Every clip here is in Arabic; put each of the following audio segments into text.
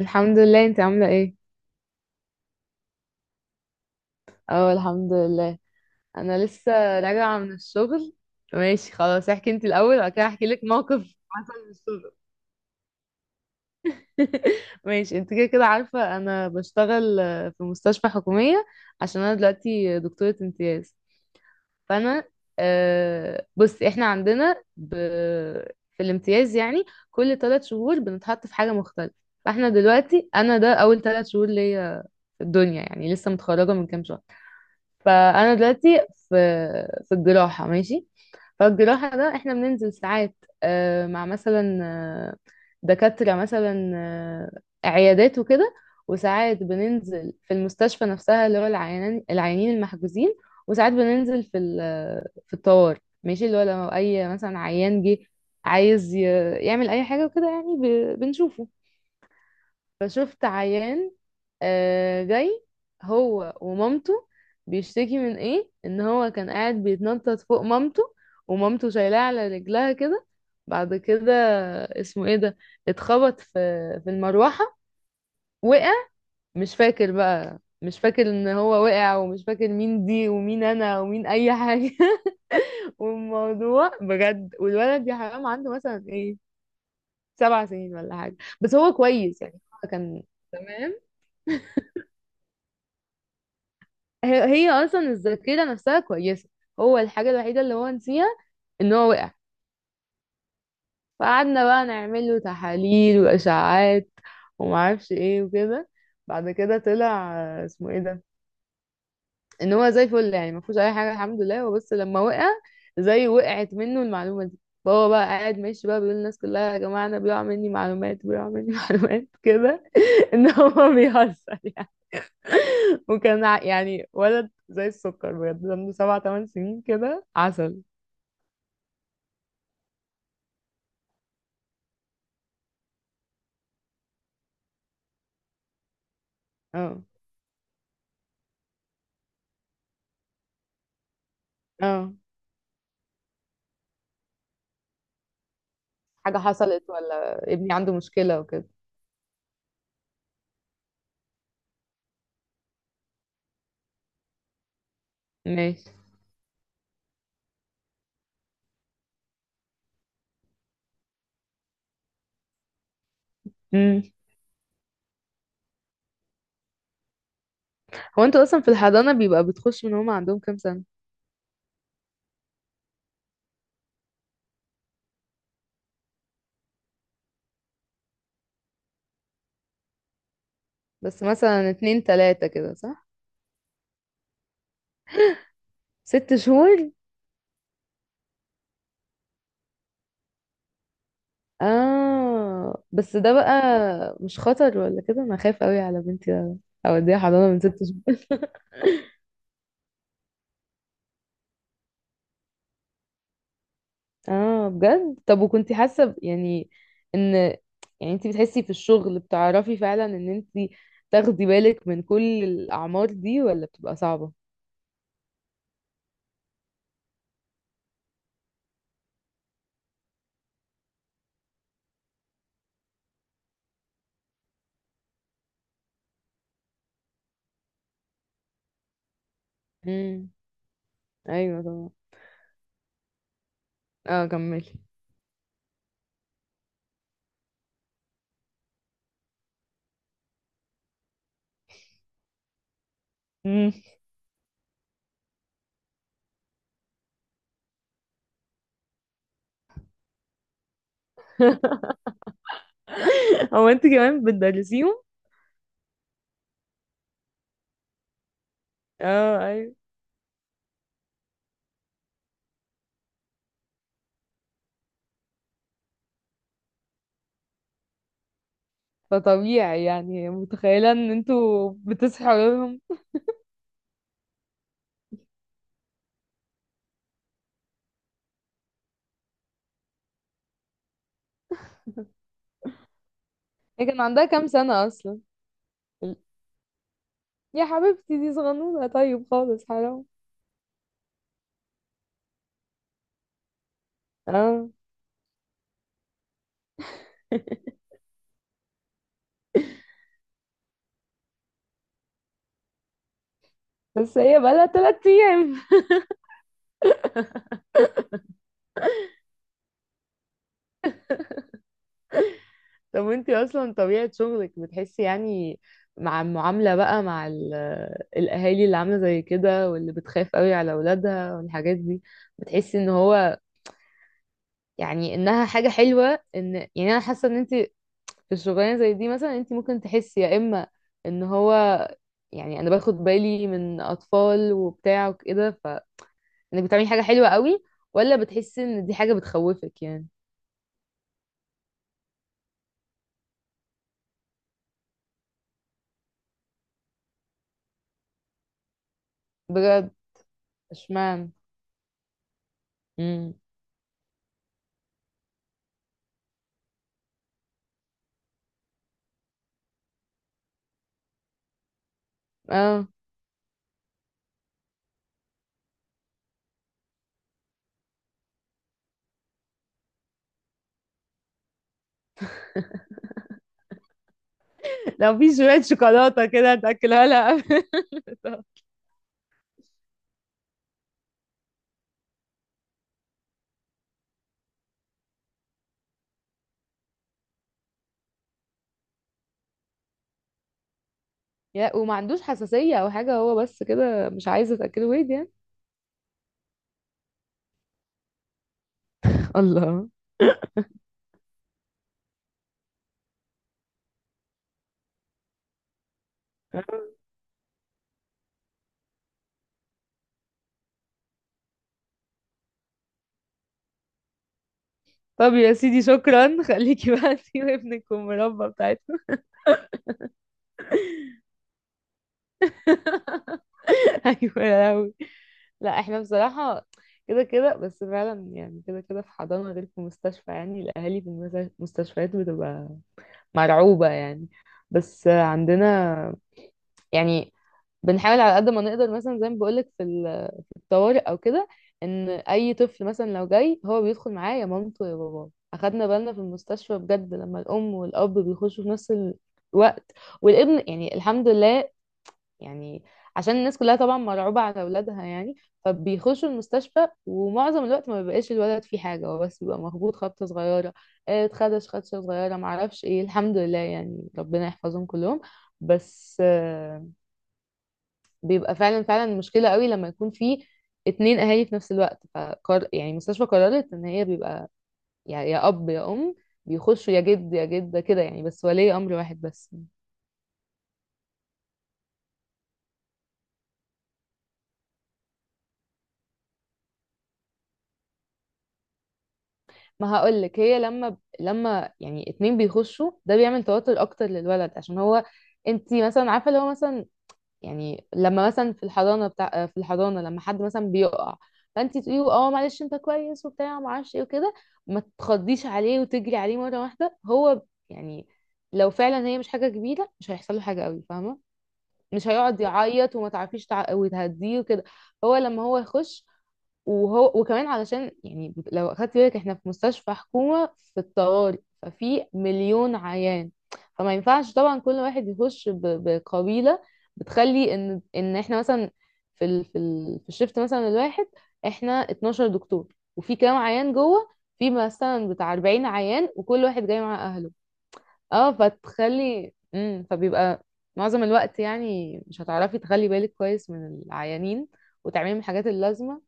الحمد لله، انت عاملة ايه؟ اه، الحمد لله. انا لسه راجعة من الشغل. ماشي خلاص، احكي انت الاول وبعد كده احكي لك موقف حصل في الشغل. ماشي، انت كده كده عارفة انا بشتغل في مستشفى حكومية، عشان انا دلوقتي دكتورة امتياز. فانا بصي، احنا عندنا في الامتياز يعني كل 3 شهور بنتحط في حاجة مختلفة. فاحنا دلوقتي، انا ده اول 3 شهور ليا في الدنيا، يعني لسه متخرجة من كام شهر. فانا دلوقتي في الجراحه. ماشي، فالجراحه ده احنا بننزل ساعات مع مثلا دكاتره مثلا، عيادات وكده. وساعات بننزل في المستشفى نفسها، اللي هو العيانين المحجوزين. وساعات بننزل في الطوارئ، ماشي، اللي هو لو اي مثلا عيان جه عايز يعمل اي حاجه وكده، يعني بنشوفه. فشفت عيان جاي هو ومامته، بيشتكي من ايه، ان هو كان قاعد بيتنطط فوق مامته، ومامته شايلاه على رجلها كده. بعد كده اسمه ايه ده، اتخبط في المروحة، وقع. مش فاكر بقى، مش فاكر ان هو وقع، ومش فاكر مين دي ومين انا ومين اي حاجة. والموضوع بجد، والولد يا حرام عنده مثلا ايه، 7 سنين ولا حاجة. بس هو كويس، يعني هو كان تمام. هي هي اصلا الذاكره نفسها كويسه، هو الحاجه الوحيده اللي هو نسيها ان هو وقع. فقعدنا بقى نعمل له تحاليل واشعاعات ومعرفش ايه وكده. بعد كده طلع اسمه ايه ده، ان هو زي الفل يعني ما فيهوش اي حاجه الحمد لله. هو بس لما وقع زي وقعت منه المعلومه دي، فهو بقى قاعد ماشي بقى بيقول للناس كلها، يا جماعه انا بيقع مني معلومات، بيقع مني معلومات كده، ان هو بيهزر يعني. وكان يعني ولد زي السكر بجد، عنده سبع تمن سنين كده، عسل. اه، اه، حاجة حصلت ولا ابني عنده مشكلة وكده. ماشي. امم هو انتوا اصلا في الحضانة بيبقى بتخش من هما عندهم كام سنة؟ بس مثلا اتنين تلاتة كده، صح؟ 6 شهور؟ اه، بس ده بقى مش خطر ولا كده؟ انا خايف قوي على بنتي اوديها حضانة من 6 شهور. اه بجد؟ طب وكنتي حاسه يعني ان، يعني انت بتحسي في الشغل بتعرفي فعلا ان انت تاخدي بالك من كل الاعمار دي، ولا بتبقى صعبه؟ امم ايوه طبعا. اه كملي. مم. هو انت كمان بتدرسيهم؟ اه ايوه، فطبيعي يعني، متخيله ان انتوا بتصحوا لهم. هي كان عندها كام سنه اصلا؟ ال- يا حبيبتي، دي صغنونه طيب، خالص حرام. اه، بس هي بقالها 3 ايام. طب وانتي اصلا طبيعة شغلك بتحسي يعني، مع المعاملة بقى مع الاهالي اللي عاملة زي كده واللي بتخاف قوي على اولادها والحاجات دي، بتحسي ان هو، يعني انها حاجة حلوة، ان يعني انا حاسة ان انتي في الشغلانة زي دي، مثلا انتي ممكن تحسي، يا اما ان هو، يعني انا باخد بالي من اطفال وبتاع وكده فانك بتعملي حاجة حلوة قوي، ولا بتحسي ان دي حاجة بتخوفك يعني؟ بجد؟ اشمعنى؟ امم اه، لو في شوية شوكولاتة كده تاكلها لها قبل الفطار. يا، وما عندوش حساسية او حاجة هو بس كده مش عايزة تأكله ويد يعني؟ الله. طب يا سيدي شكرا، خليكي بقى انتي وابنك والمربى بتاعتكم. ايوه يا لهوي. لا، احنا بصراحة كده كده بس فعلا، يعني كده كده في حضانة غير في مستشفى، يعني الأهالي في المستشفيات بتبقى مرعوبة يعني. بس عندنا يعني بنحاول على قد ما نقدر، مثلا زي ما بقولك في طوارئ او كده، ان اي طفل مثلا لو جاي هو بيدخل معاه يا مامته يا باباه. اخدنا بالنا في المستشفى بجد لما الام والاب بيخشوا في نفس الوقت والابن، يعني الحمد لله يعني، عشان الناس كلها طبعا مرعوبة على اولادها يعني، فبيخشوا المستشفى. ومعظم الوقت ما بيبقاش الولد فيه حاجة، هو بس بيبقى مخبوط خبطة صغيرة، اتخدش خدشة صغيرة، معرفش ايه، الحمد لله يعني، ربنا يحفظهم كلهم. بس بيبقى فعلا فعلا مشكلة قوي لما يكون في اتنين اهالي في نفس الوقت. يعني المستشفى قررت ان هي بيبقى يعني يا اب يا ام، بيخشوا يا جد يا جدة كده يعني، بس ولي امر واحد بس. ما هقولك، هي لما يعني اتنين بيخشوا ده بيعمل توتر اكتر للولد، عشان هو، انتي مثلا عارفة اللي هو مثلا، يعني لما مثلا في الحضانه لما حد مثلا بيقع، فانت تقولي له اه معلش انت كويس وبتاع ما اعرفش ايه وكده، ما تخضيش عليه وتجري عليه مره واحده. هو يعني لو فعلا هي مش حاجه كبيره مش هيحصل له حاجه قوي، فاهمه؟ مش هيقعد يعيط، وما تعرفيش وتهديه وكده. هو لما هو يخش، وهو وكمان، علشان يعني لو اخدت بالك احنا في مستشفى حكومة في الطوارئ، ففي مليون عيان. فما ينفعش طبعا كل واحد يخش بقبيلة. بتخلي ان احنا مثلا في الشفت، مثلا الواحد، احنا 12 دكتور وفي كام عيان جوه. في مثلا بتاع 40 عيان، وكل واحد جاي مع اهله. اه فتخلي، فبيبقى معظم الوقت، يعني مش هتعرفي تخلي بالك كويس من العيانين وتعملي الحاجات اللازمة.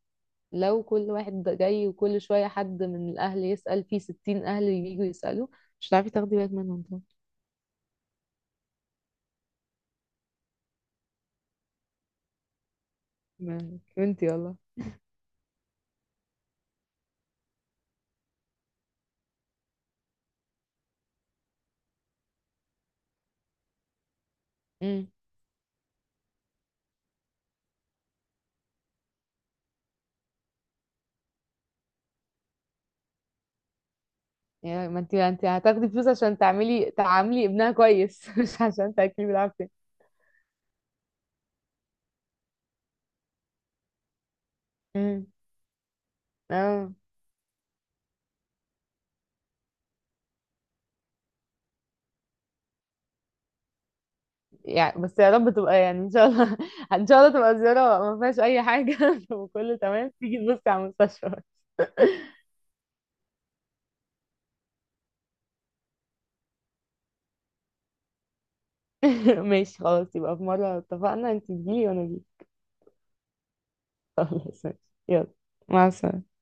لو كل واحد جاي وكل شوية حد من الأهل يسأل، في 60 أهل ييجوا يسألوا، مش هتعرفي تاخدي بالك منهم طبعا. فهمتي والله؟ امم يعني ما انت هتاخدي فلوس عشان تعاملي ابنها كويس، مش عشان تاكلي بالعافيه. امم اه، يعني بس يا رب تبقى يعني ان شاء الله. ان شاء الله تبقى زياره ما فيهاش اي حاجه، وكله تمام، تيجي تبصي على المستشفى بس. ماشي خلاص، يبقى في مره اتفقنا انت تجيلي وانا اجي. خلاص ماشي. يلا، مع السلامه.